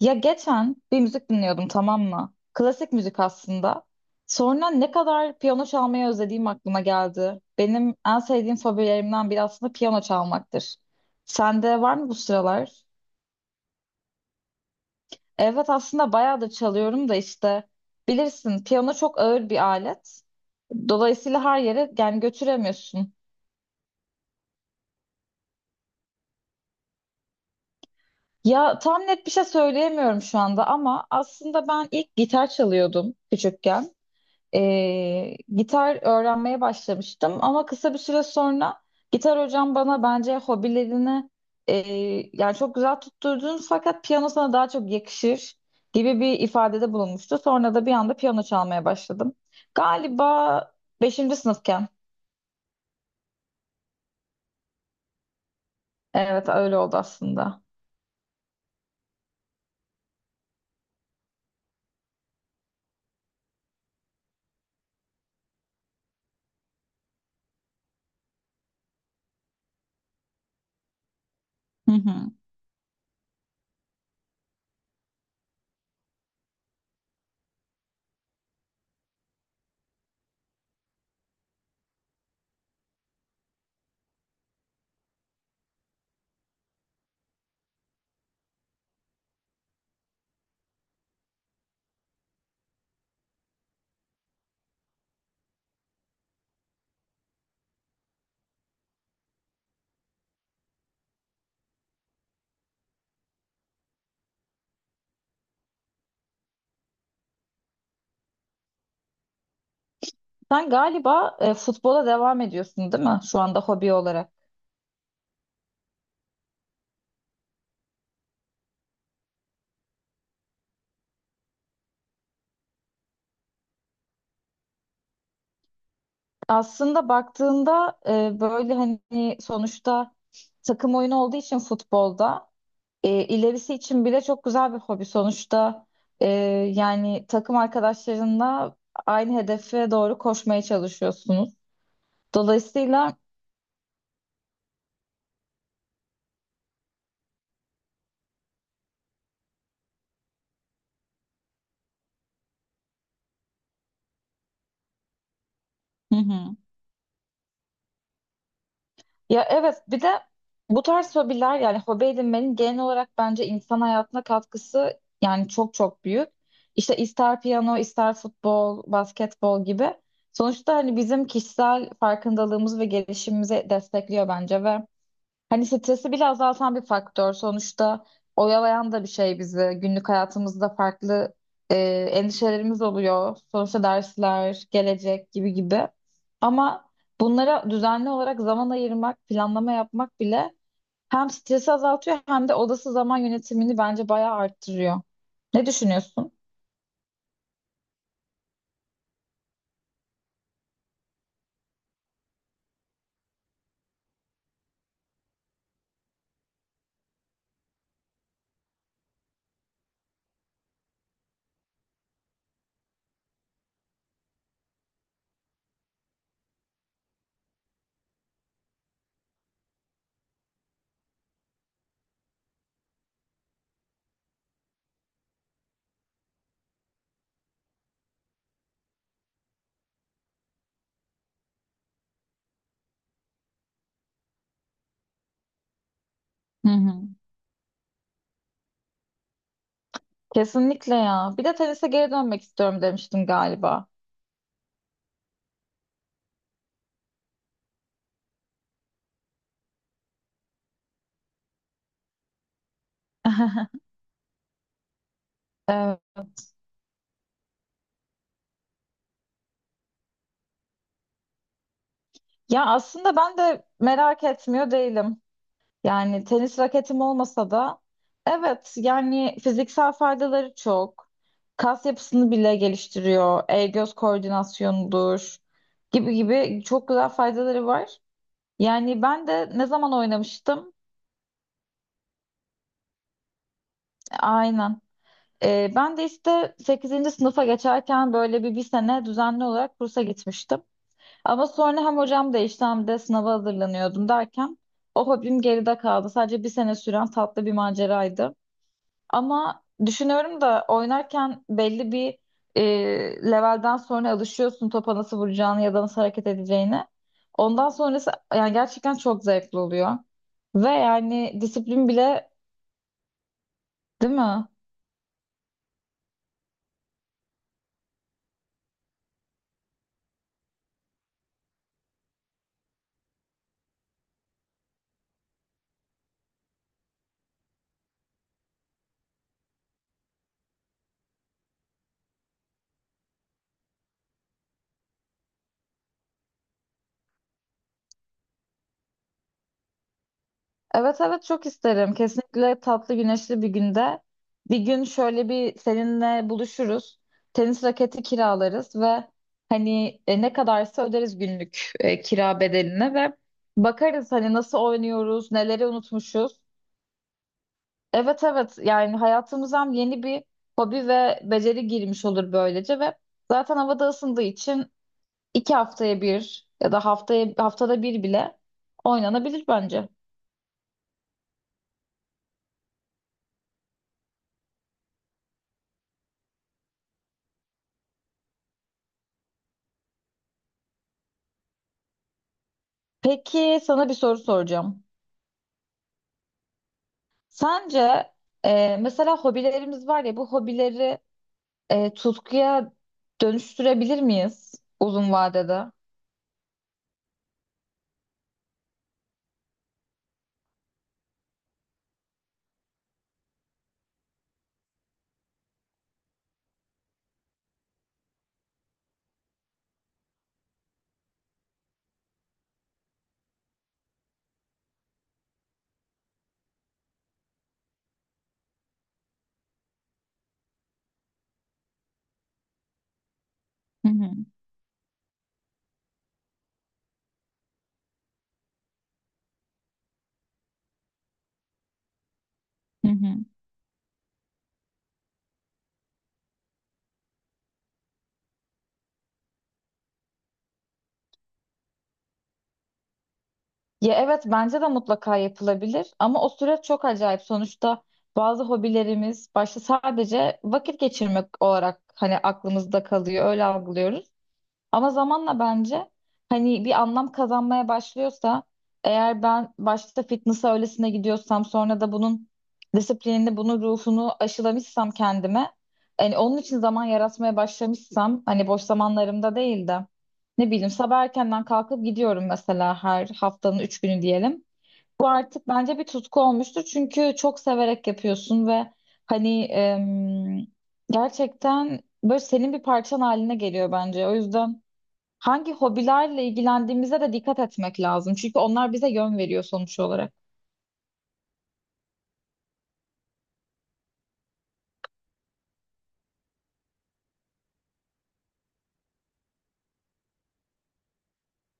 Ya geçen bir müzik dinliyordum tamam mı? Klasik müzik aslında. Sonra ne kadar piyano çalmayı özlediğim aklıma geldi. Benim en sevdiğim fobilerimden biri aslında piyano çalmaktır. Sende var mı bu sıralar? Evet aslında bayağı da çalıyorum da işte bilirsin piyano çok ağır bir alet. Dolayısıyla her yere yani götüremiyorsun. Ya tam net bir şey söyleyemiyorum şu anda ama aslında ben ilk gitar çalıyordum küçükken. Gitar öğrenmeye başlamıştım ama kısa bir süre sonra gitar hocam bana bence hobilerini e, yani çok güzel tutturdun fakat piyano sana daha çok yakışır gibi bir ifadede bulunmuştu. Sonra da bir anda piyano çalmaya başladım. Galiba 5. sınıfken. Evet öyle oldu aslında. Hı hı. Sen galiba futbola devam ediyorsun değil mi şu anda hobi olarak? Aslında baktığında böyle hani sonuçta takım oyunu olduğu için futbolda ilerisi için bile çok güzel bir hobi. Sonuçta e, yani takım arkadaşlarınla aynı hedefe doğru koşmaya çalışıyorsunuz. Dolayısıyla. Hı hı. Ya evet bir de bu tarz hobiler yani hobi edinmenin genel olarak bence insan hayatına katkısı yani çok çok büyük. İşte ister piyano, ister futbol, basketbol gibi. Sonuçta hani bizim kişisel farkındalığımız ve gelişimimizi destekliyor bence ve hani stresi bile azaltan bir faktör. Sonuçta oyalayan da bir şey bizi. Günlük hayatımızda farklı e, endişelerimiz oluyor. Sonuçta dersler, gelecek gibi gibi. Ama bunlara düzenli olarak zaman ayırmak, planlama yapmak bile hem stresi azaltıyor hem de odası zaman yönetimini bence bayağı arttırıyor. Ne düşünüyorsun? Hı hı. Kesinlikle ya. Bir de tenise geri dönmek istiyorum demiştim galiba. Evet. Ya aslında ben de merak etmiyor değilim. Yani tenis raketim olmasa da evet yani fiziksel faydaları çok. Kas yapısını bile geliştiriyor. El göz koordinasyonudur gibi gibi çok güzel faydaları var. Yani ben de ne zaman oynamıştım? Aynen. Ben de işte 8. sınıfa geçerken böyle bir sene düzenli olarak kursa gitmiştim. Ama sonra hem hocam değişti hem de sınava hazırlanıyordum derken o hobim geride kaldı. Sadece bir sene süren tatlı bir maceraydı. Ama düşünüyorum da oynarken belli bir e, levelden sonra alışıyorsun topa nasıl vuracağını ya da nasıl hareket edeceğini. Ondan sonrası yani gerçekten çok zevkli oluyor. Ve yani disiplin bile değil mi? Evet evet çok isterim. Kesinlikle tatlı güneşli bir günde. Bir gün şöyle bir seninle buluşuruz. Tenis raketi kiralarız ve hani ne kadarsa öderiz günlük kira bedelini ve bakarız hani nasıl oynuyoruz, neleri unutmuşuz. Evet evet yani hayatımıza hem yeni bir hobi ve beceri girmiş olur böylece ve zaten havada ısındığı için 2 haftaya bir ya da haftaya haftada bir bile oynanabilir bence. Peki sana bir soru soracağım. Sence mesela hobilerimiz var ya bu hobileri tutkuya dönüştürebilir miyiz uzun vadede? Hı hı, hı hı. Ya evet bence de mutlaka yapılabilir ama o süreç çok acayip. Sonuçta bazı hobilerimiz başta sadece vakit geçirmek olarak hani aklımızda kalıyor, öyle algılıyoruz. Ama zamanla bence hani bir anlam kazanmaya başlıyorsa eğer ben başta fitness'a öylesine gidiyorsam sonra da bunun disiplinini, bunun ruhunu aşılamışsam kendime hani onun için zaman yaratmaya başlamışsam hani boş zamanlarımda değil de ne bileyim sabah erkenden kalkıp gidiyorum mesela her haftanın 3 günü diyelim. Bu artık bence bir tutku olmuştur çünkü çok severek yapıyorsun ve hani gerçekten böyle senin bir parçan haline geliyor bence. O yüzden hangi hobilerle ilgilendiğimize de dikkat etmek lazım. Çünkü onlar bize yön veriyor sonuç olarak.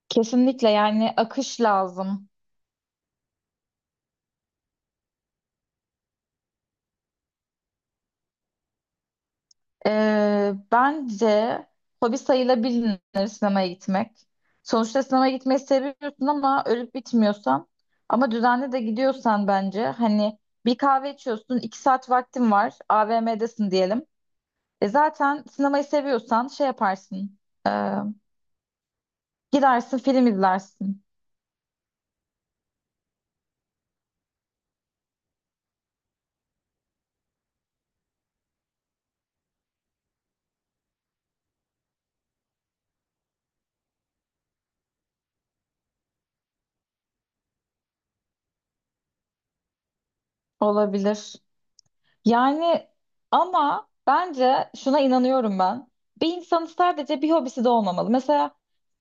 Kesinlikle yani akış lazım. Bence hobi sayılabilir sinemaya gitmek. Sonuçta sinemaya gitmeyi seviyorsun ama ölüp bitmiyorsan ama düzenli de gidiyorsan bence hani bir kahve içiyorsun, 2 saat vaktin var, AVM'desin diyelim. E zaten sinemayı seviyorsan şey yaparsın, e, gidersin film izlersin. Olabilir. Yani ama bence şuna inanıyorum ben. Bir insanın sadece bir hobisi de olmamalı. Mesela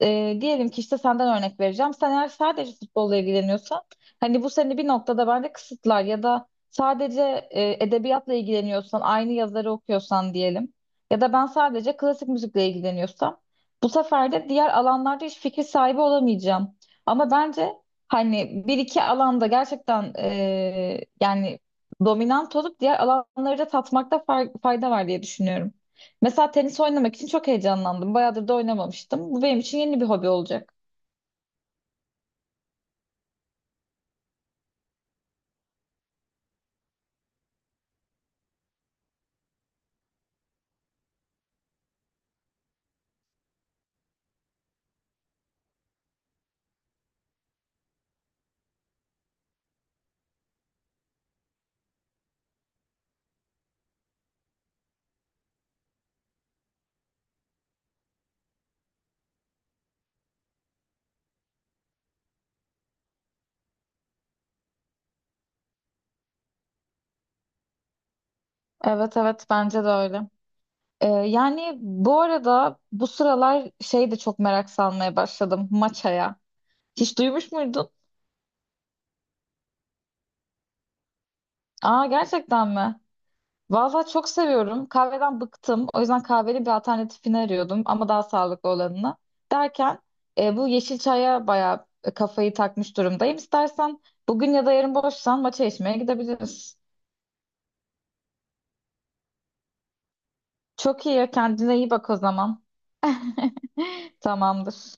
diyelim ki işte senden örnek vereceğim. Sen eğer sadece futbolla ilgileniyorsan hani bu seni bir noktada bence kısıtlar ya da sadece edebiyatla ilgileniyorsan aynı yazarı okuyorsan diyelim ya da ben sadece klasik müzikle ilgileniyorsam bu sefer de diğer alanlarda hiç fikir sahibi olamayacağım. Ama bence hani bir iki alanda gerçekten yani dominant olup diğer alanları da tatmakta fayda var diye düşünüyorum. Mesela tenis oynamak için çok heyecanlandım. Bayağıdır da oynamamıştım. Bu benim için yeni bir hobi olacak. Evet evet bence de öyle. Yani bu arada bu sıralar şey de çok merak salmaya başladım maçaya. Hiç duymuş muydun? Aa gerçekten mi? Valla çok seviyorum. Kahveden bıktım. O yüzden kahveli bir alternatifini arıyordum ama daha sağlıklı olanını. Derken bu yeşil çaya bayağı kafayı takmış durumdayım. İstersen bugün ya da yarın boşsan maça içmeye gidebiliriz. Çok iyi. Kendine iyi bak o zaman. Tamamdır.